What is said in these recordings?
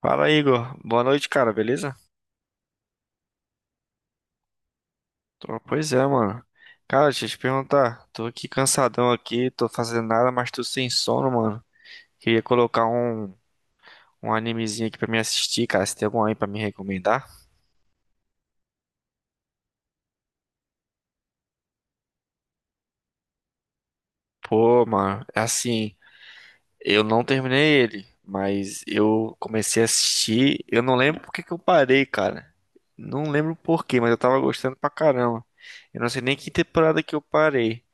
Fala, Igor. Boa noite, cara, beleza? Pois é, mano. Cara, deixa eu te perguntar. Tô aqui cansadão aqui, tô fazendo nada, mas tô sem sono, mano. Queria colocar um, um animezinho aqui pra me assistir, cara. Se tem algum aí pra me recomendar? Pô, mano, é assim, eu não terminei ele, mas eu comecei a assistir. Eu não lembro por que que eu parei, cara. Não lembro por quê, mas eu tava gostando pra caramba. Eu não sei nem que temporada que eu parei.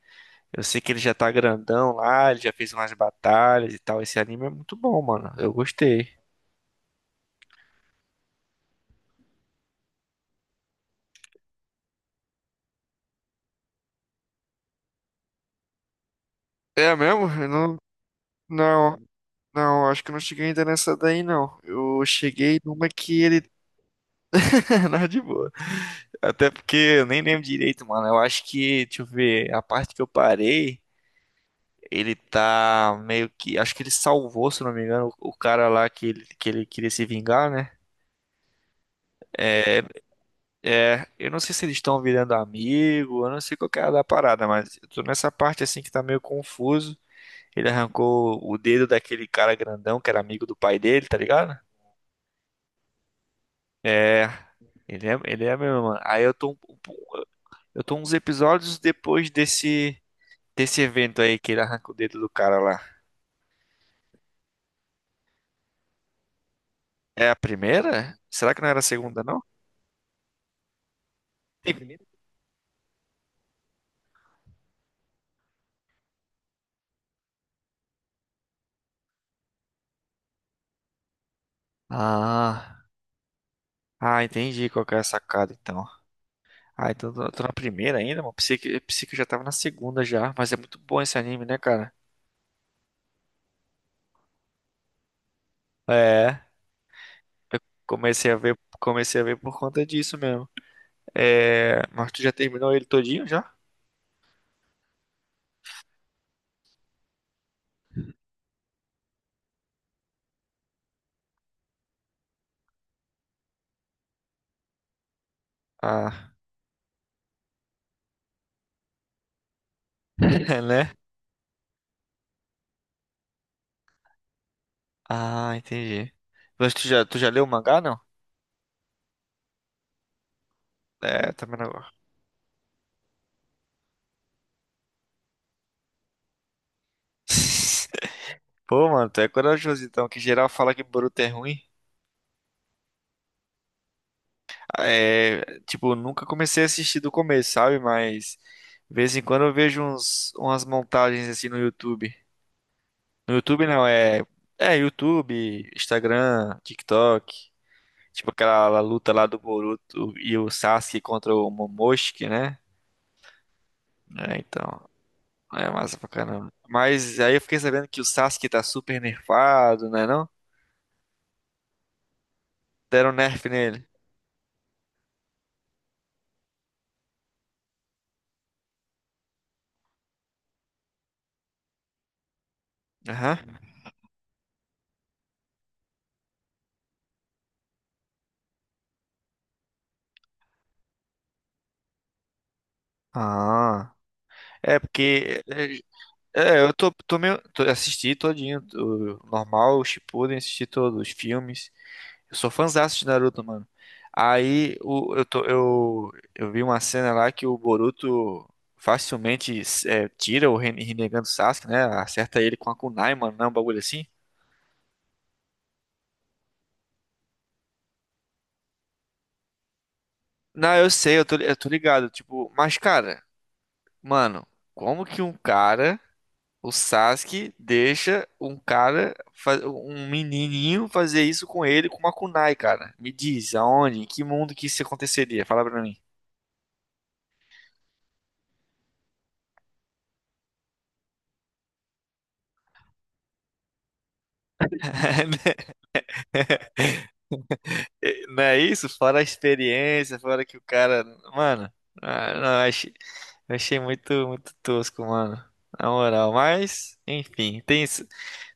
Eu sei que ele já tá grandão lá, ele já fez umas batalhas e tal. Esse anime é muito bom, mano. Eu gostei. É mesmo? Eu não, não, não, acho que eu não cheguei ainda nessa daí, não. Eu cheguei numa que ele. Não, de boa. Até porque eu nem lembro direito, mano. Eu acho que, deixa eu ver, a parte que eu parei, ele tá meio que. Acho que ele salvou, se não me engano, o cara lá que ele queria se vingar, né? É, É, eu não sei se eles estão virando amigo, eu não sei qual que é da parada, mas eu tô nessa parte assim que tá meio confuso. Ele arrancou o dedo daquele cara grandão que era amigo do pai dele, tá ligado? É, ele é, ele é mesmo, mano. Aí eu tô, um- eu tô uns episódios depois desse, desse evento aí que ele arranca o dedo do cara lá. É a primeira? Será que não era a segunda, não? Tem primeira? Ah, ah, entendi qual que é a sacada então. Ah, então tô, tô na primeira ainda, mano. Pensei que eu já tava na segunda já. Mas é muito bom esse anime, né, cara? É, comecei a ver por conta disso mesmo. É, mas tu já terminou ele todinho já? Ah, né? Ah, entendi. Mas tu já leu o mangá, não? É, também vendo agora. Pô, mano, tu é corajoso então, que geral fala que Boruto é ruim. É, tipo, nunca comecei a assistir do começo, sabe? Mas, de vez em quando eu vejo uns, umas montagens assim no YouTube. No YouTube não, é. É, YouTube, Instagram, TikTok. Tipo aquela luta lá do Boruto e o Sasuke contra o Momoshiki, né? É, então, é massa pra caramba. Mas aí eu fiquei sabendo que o Sasuke tá super nerfado, né não? Deram nerf nele. Aham. Ah. É, porque. É, eu tô, tô meio. Tô, assisti todinho, o normal, o Shippuden, assisti todos os filmes. Eu sou fãzaço de Naruto, mano. Aí o- eu, tô- eu vi uma cena lá que o Boruto facilmente é, tira o Rinnegan do Sasuke, né? Acerta ele com a kunai, mano, não, é um bagulho assim. Não, eu sei, eu tô ligado, tipo, mas cara, mano, como que um cara, o Sasuke, deixa um cara, um menininho fazer isso com ele com uma kunai, cara? Me diz, aonde, em que mundo que isso aconteceria? Fala pra mim. É, Não é isso? Fora a experiência, fora que o cara. Mano, ah, não, eu achei muito, muito tosco, mano. Na moral, mas, enfim,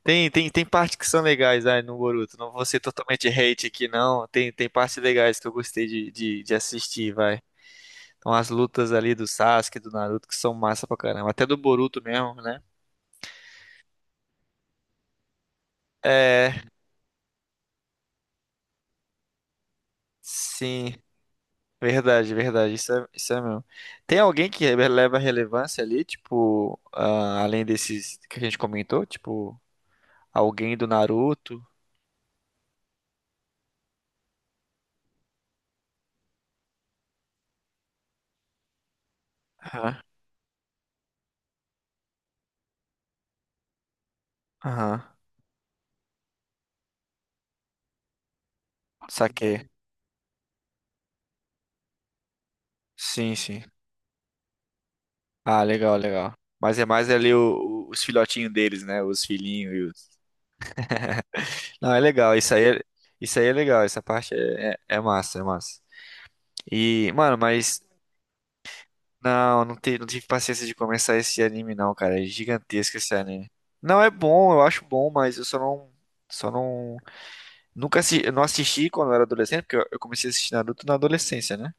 tem partes que são legais aí no Boruto. Não vou ser totalmente hate aqui, não. Tem, tem partes legais que eu gostei de assistir, vai. Então, as lutas ali do Sasuke, do Naruto, que são massa pra caramba. Até do Boruto mesmo, né? É, sim. Verdade, verdade, isso é mesmo. Tem alguém que leva relevância ali, tipo, ah, além desses que a gente comentou, tipo, alguém do Naruto? Aham, aham, saquei. Sim, sim. Ah, legal, legal. Mas é mais ali os filhotinhos deles, né? Os filhinhos e os... Não, é legal, isso aí é legal, essa parte é, é, é massa, é massa. E, mano, mas não tive paciência de começar esse anime, não, cara. É gigantesco esse anime. Não é bom, eu acho bom, mas eu só não. Só não. Nunca assi- eu não assisti quando eu era adolescente, porque eu comecei a assistir Naruto na adolescência, né?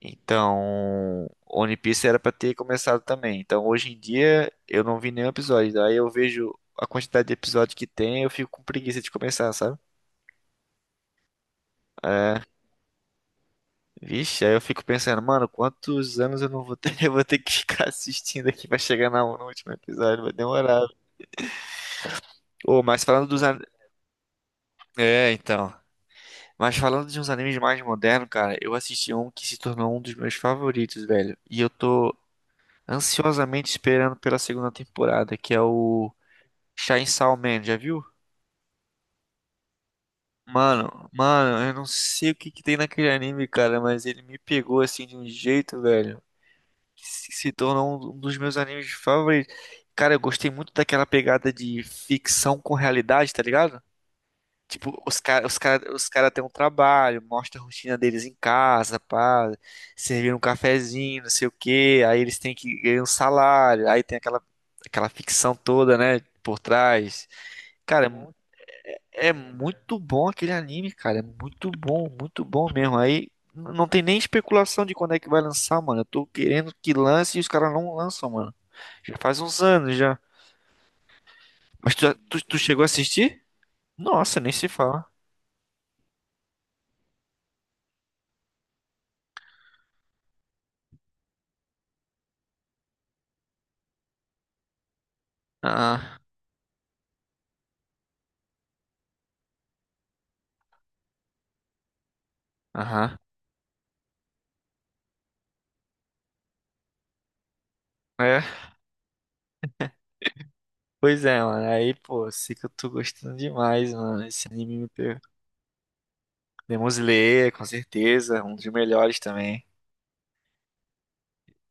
Então. One Piece era pra ter começado também. Então hoje em dia eu não vi nenhum episódio. Aí eu vejo a quantidade de episódio que tem, eu fico com preguiça de começar, sabe? É, Vixe, aí eu fico pensando, mano, quantos anos eu não vou ter? Eu vou ter que ficar assistindo aqui pra chegar no último episódio, vai demorar. Ô, mas falando dos an... É, então. Mas falando de uns animes mais modernos, cara, eu assisti um que se tornou um dos meus favoritos, velho. E eu tô ansiosamente esperando pela segunda temporada, que é o Chainsaw Man, já viu? Mano, mano, eu não sei o que que tem naquele anime, cara, mas ele me pegou assim de um jeito, velho, que se tornou um dos meus animes favoritos. Cara, eu gostei muito daquela pegada de ficção com realidade, tá ligado? Tipo, os cara têm um trabalho, mostra a rotina deles em casa, pá, servir um cafezinho, não sei o quê, aí eles têm que ganhar um salário, aí tem aquela, aquela ficção toda, né, por trás. Cara, é muito bom aquele anime, cara, é muito bom mesmo. Aí não tem nem especulação de quando é que vai lançar, mano. Eu tô querendo que lance e os caras não lançam, mano. Já faz uns anos já. Mas tu, tu, tu chegou a assistir? Nossa, nem se fala. Ah, aham. É. Pois é, mano. Aí, pô, sei que eu tô gostando demais, mano. Esse anime me pegou. Demon Slayer, com certeza. Um dos melhores também.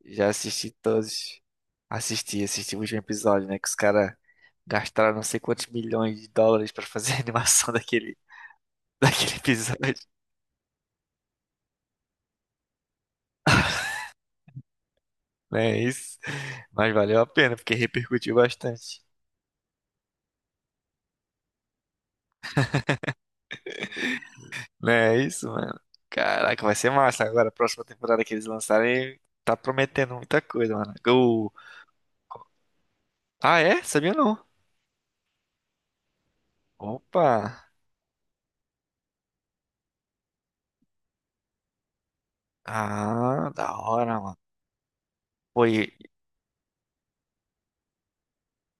Já assisti todos. Assisti, assisti o último episódio, né? Que os caras gastaram não sei quantos milhões de dólares pra fazer a animação daquele, daquele episódio. Né, é isso. Mas valeu a pena, porque repercutiu bastante. Né, é isso, mano. Caraca, vai ser massa. Agora, a próxima temporada que eles lançarem, tá prometendo muita coisa, mano. O... Ah, é? Sabia não. Opa! Ah, da hora, mano. Foi,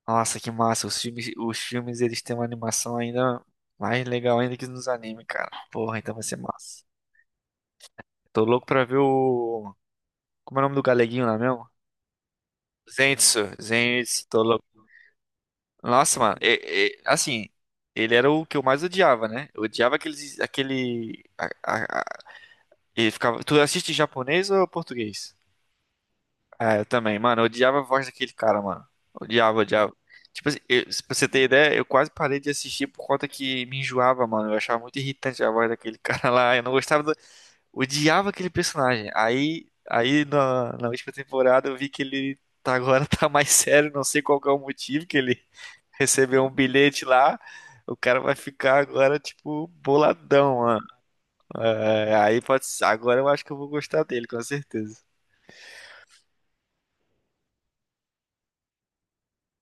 nossa, que massa. Os filmes, eles têm uma animação ainda mais legal ainda que nos animes, cara. Porra, então vai ser massa. Tô louco pra ver o... Como é o nome do galeguinho lá mesmo? Zenitsu, Zenitsu, tô louco. Nossa, mano, assim, ele era o que eu mais odiava, né? Eu odiava aqueles, aquele... ele ficava... Tu assiste em japonês ou português? É, eu também, mano. Eu odiava a voz daquele cara, mano. Odiava, odiava. Tipo assim, eu, se- pra você ter ideia, eu quase parei de assistir por conta que me enjoava, mano. Eu achava muito irritante a voz daquele cara lá. Eu não gostava do... Odiava aquele personagem. Aí, aí na última temporada eu vi que ele tá agora tá mais sério. Não sei qual que é o motivo que ele recebeu um bilhete lá. O cara vai ficar agora, tipo, boladão, mano. É, agora eu acho que eu vou gostar dele, com certeza.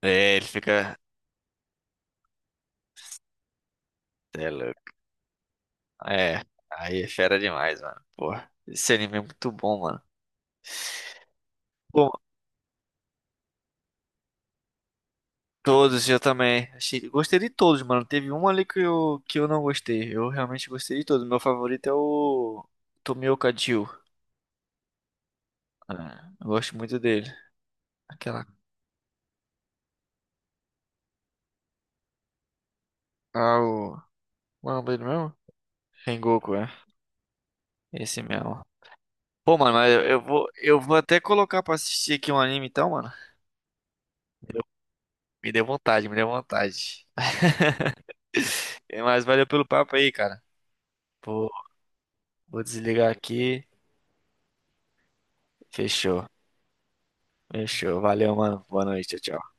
É, ele fica... É, aí é fera demais, mano. Porra, esse anime é muito bom, mano. Pô, todos eu também. Achei, gostei de todos, mano. Teve um ali que eu não gostei. Eu realmente gostei de todos. Meu favorito é o Tomioka Jill. Ah, eu gosto muito dele. Aquela. Ah, o. Qual é o nome dele mesmo? Rengoku, é. Esse mesmo. Pô, mano, eu vou até colocar pra assistir aqui um anime então, mano. Me deu vontade, me deu vontade. Mas valeu pelo papo aí, cara. Pô, vou desligar aqui. Fechou. Fechou. Valeu, mano. Boa noite. Tchau.